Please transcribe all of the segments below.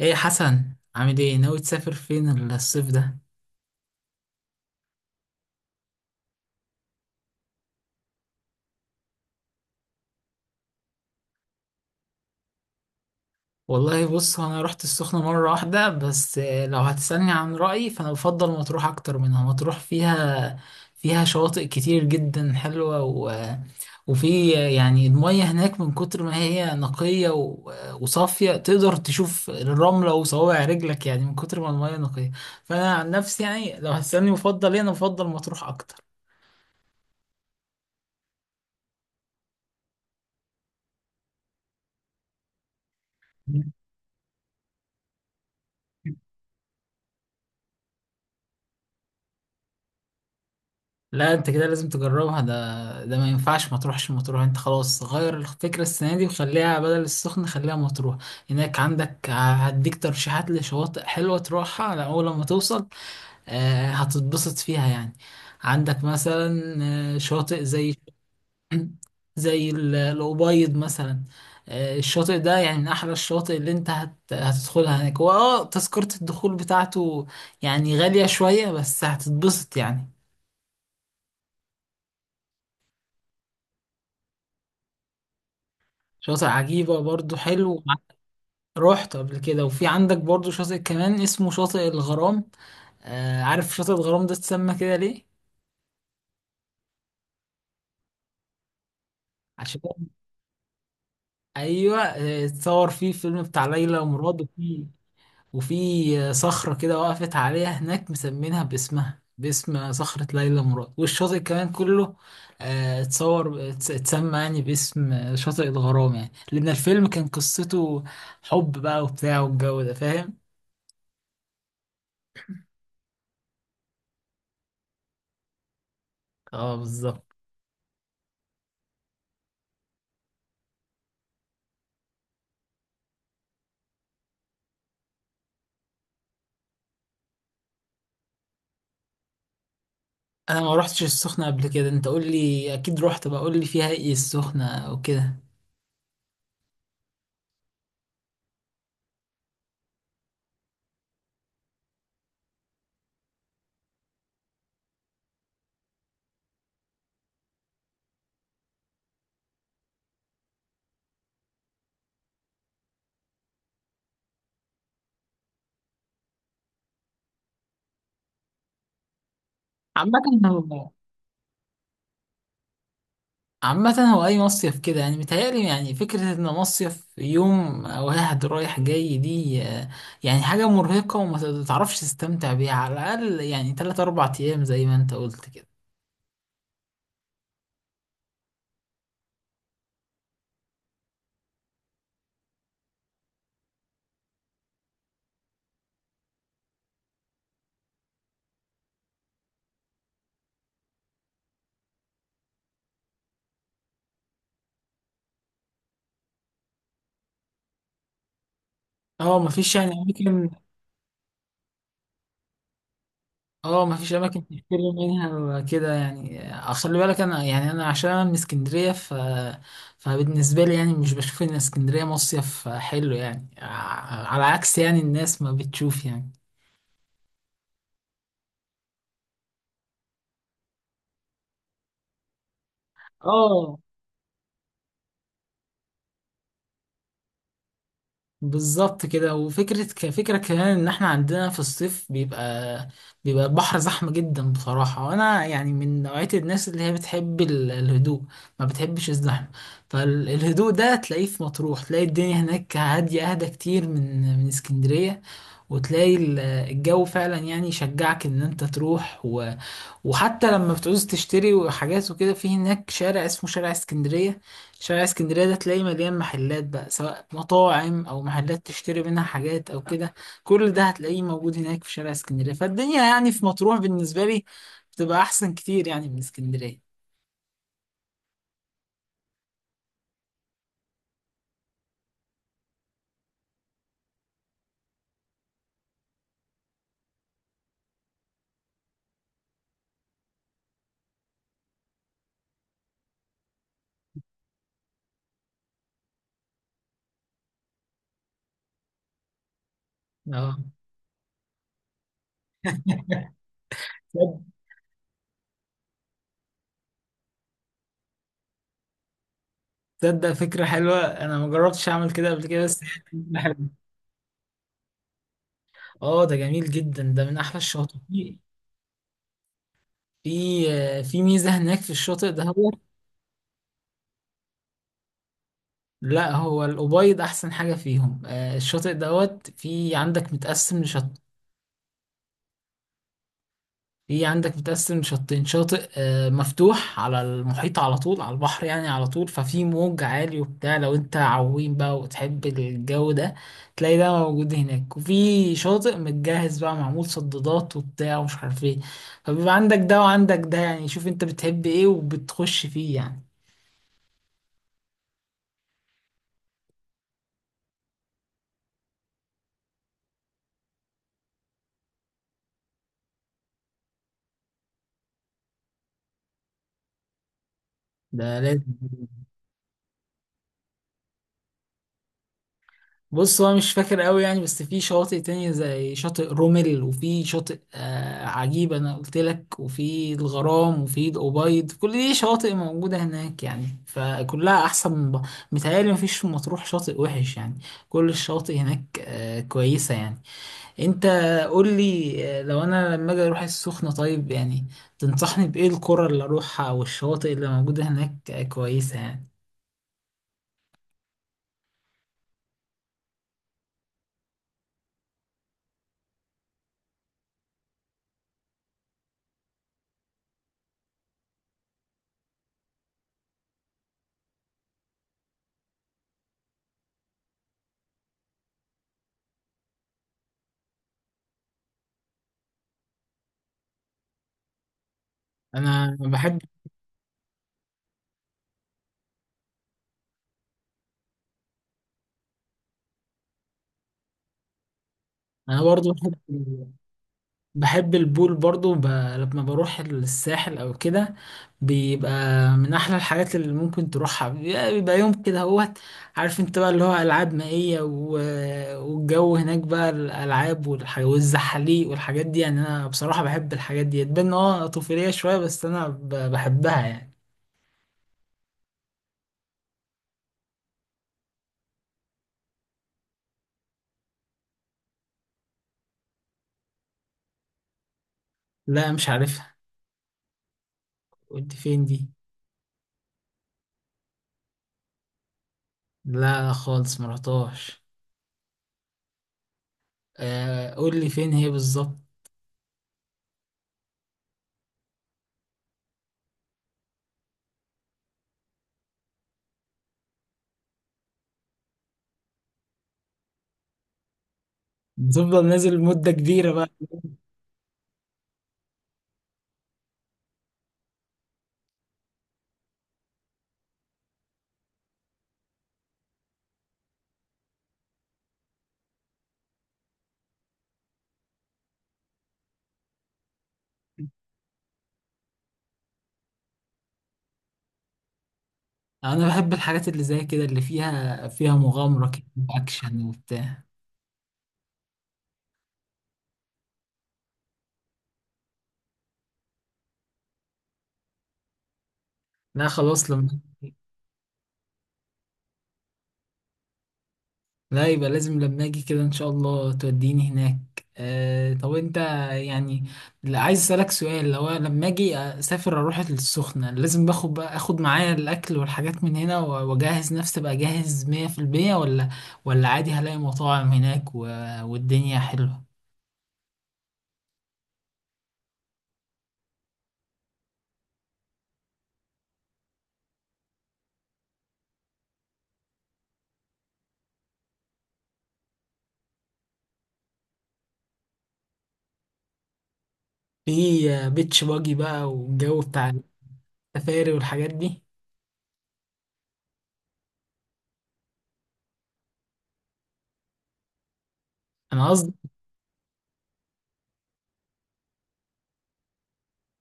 ايه يا حسن، عامل ايه؟ ناوي تسافر فين الصيف ده؟ والله بص، هو انا رحت السخنة مرة واحدة بس. لو هتسألني عن رأيي فانا بفضل مطروح اكتر منها. مطروح فيها شواطئ كتير جدا حلوة و... وفي يعني المية هناك من كتر ما هي نقية و... وصافية، تقدر تشوف الرملة وصوابع رجلك، يعني من كتر ما المية نقية. فانا عن نفسي يعني لو هتسألني بفضل ايه، انا بفضل مطروح اكتر. لا، انت كده لازم تجربها، ده ما ينفعش ما تروحش مطروح. انت خلاص غير الفكرة السنة دي، وخليها بدل السخنة، خليها مطروح. هناك عندك هديك ترشيحات لشواطئ حلوة تروحها على اول لما توصل. هتتبسط فيها يعني. عندك مثلا شواطئ زي زي الأبيض مثلا. الشاطئ ده يعني من أحلى الشواطئ اللي أنت هتدخلها هناك، هو تذكرة الدخول بتاعته يعني غالية شوية، بس هتتبسط يعني. شاطئ عجيبة برضو حلو. رحت قبل كده، وفي عندك برضو شاطئ كمان اسمه شاطئ الغرام. آه، عارف شاطئ الغرام ده اتسمى كده ليه؟ عشان. ايوه، اتصور فيه فيلم بتاع ليلى ومراد. وفي صخرة كده وقفت عليها هناك، مسمينها باسمها، باسم صخرة ليلى مراد. والشاطئ كمان كله اتصور اتسمى يعني باسم شاطئ الغرام، يعني لأن الفيلم كان قصته حب بقى وبتاع والجو ده، فاهم؟ اه، بالظبط. انا ما روحتش السخنة قبل كده، انت قول لي، اكيد روحت بقى، قول لي فيها ايه السخنة وكده. عامة هو عامة هو اي مصيف كده يعني، متهيألي يعني فكرة ان مصيف يوم واحد رايح جاي دي يعني حاجة مرهقة، وما تعرفش تستمتع بيها. على الاقل يعني تلات اربع ايام زي ما انت قلت كده. اه، مفيش يعني اماكن. اه، ما فيش اماكن تشتري منها كده يعني. خلي بالك انا عشان أنا من اسكندريه. فبالنسبه لي يعني مش بشوف ان اسكندريه مصيف حلو، يعني على عكس يعني الناس ما بتشوف يعني. اه، بالظبط كده. وفكرة كفكرة كمان ان احنا عندنا في الصيف بيبقى البحر زحمة جدا بصراحة، وانا يعني من نوعية الناس اللي هي بتحب الهدوء، ما بتحبش الزحمة. فالهدوء ده تلاقيه في مطروح، تلاقي الدنيا هناك هادية، اهدى كتير من اسكندرية. وتلاقي الجو فعلا يعني يشجعك ان انت تروح. وحتى لما بتعوز تشتري حاجات وكده، في هناك شارع اسمه شارع اسكندرية. شارع اسكندرية ده تلاقيه مليان محلات بقى، سواء مطاعم أو محلات تشتري منها حاجات أو كده. كل ده هتلاقيه موجود هناك في شارع اسكندرية، فالدنيا يعني في مطروح بالنسبة لي بتبقى أحسن كتير يعني من اسكندرية. اه. تصدق تصدق فكرة حلوة، أنا ما جربتش أعمل كده قبل كده، بس هي فكرة حلوة. اه، ده جميل جدا، ده من أحلى الشواطئ في في ميزة هناك في الشاطئ ده. لا، هو الأبيض أحسن حاجة فيهم. الشاطئ دوت، في عندك متقسم لشطين، شاطئ مفتوح على المحيط على طول، على البحر يعني على طول، ففي موج عالي وبتاع. لو أنت عويم بقى وتحب الجو ده، تلاقي ده موجود هناك. وفي شاطئ متجهز بقى، معمول صدادات وبتاع ومش عارف ايه. فبيبقى عندك ده وعندك ده، يعني شوف أنت بتحب ايه وبتخش فيه يعني. ده لازم. بص، هو مش فاكر قوي يعني، بس في شواطئ تانية زي شاطئ رومل، وفي شاطئ عجيب انا قلت لك، وفي الغرام، وفي الأبيض، كل دي شواطئ موجودة هناك يعني، فكلها احسن من بعض. متهيألي مفيش في مطروح شاطئ وحش يعني، كل الشواطئ هناك كويسة يعني. انت قول لي، لو انا لما اجي اروح السخنة، طيب يعني تنصحني بإيه؟ القرى اللي اروحها والشواطئ اللي موجودة هناك كويسة يعني. انا بحب انا برضو بحب البول برضو، لما بروح الساحل او كده بيبقى من احلى الحاجات اللي ممكن تروحها، بيبقى يوم كده هوت، عارف انت بقى، اللي هو العاب مائية، و... والجو هناك بقى، الالعاب والزحاليق والحاجات دي. يعني انا بصراحة بحب الحاجات دي، تبان إن طفولية شوية، بس انا بحبها يعني. لا، مش عارفها، قلت فين دي؟ لا، خالص مرحتهاش. قول لي فين هي بالظبط. بتفضل نازل مدة كبيرة بقى؟ انا بحب الحاجات اللي زي كده، اللي فيها مغامرة كده واكشن وبتاع. لا، خلاص لما. لا، يبقى لازم لما اجي كده ان شاء الله توديني هناك. طب انت يعني، لا، عايز اسالك سؤال. لو أنا لما اجي اسافر اروح السخنة، لازم باخد بقى اخد معايا الاكل والحاجات من هنا واجهز نفسي بقى جاهز 100% ولا عادي هلاقي مطاعم هناك و... والدنيا حلوة؟ في بيتش باجي بقى، والجو بتاع السفاري والحاجات دي. انا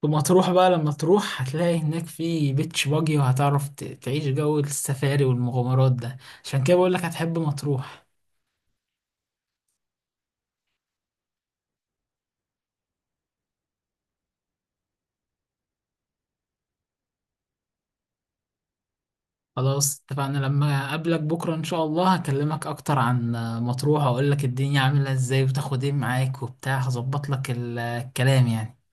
ثم هتروح بقى، لما تروح هتلاقي هناك في بيتش باجي، وهتعرف تعيش جو السفاري والمغامرات ده، عشان كده بقولك هتحب مطروح. خلاص اتفقنا، لما اقابلك بكرة ان شاء الله هكلمك اكتر عن مطروح، واقولك الدنيا عاملة ازاي وتاخد ايه معاك وبتاع، هظبط لك الكلام يعني.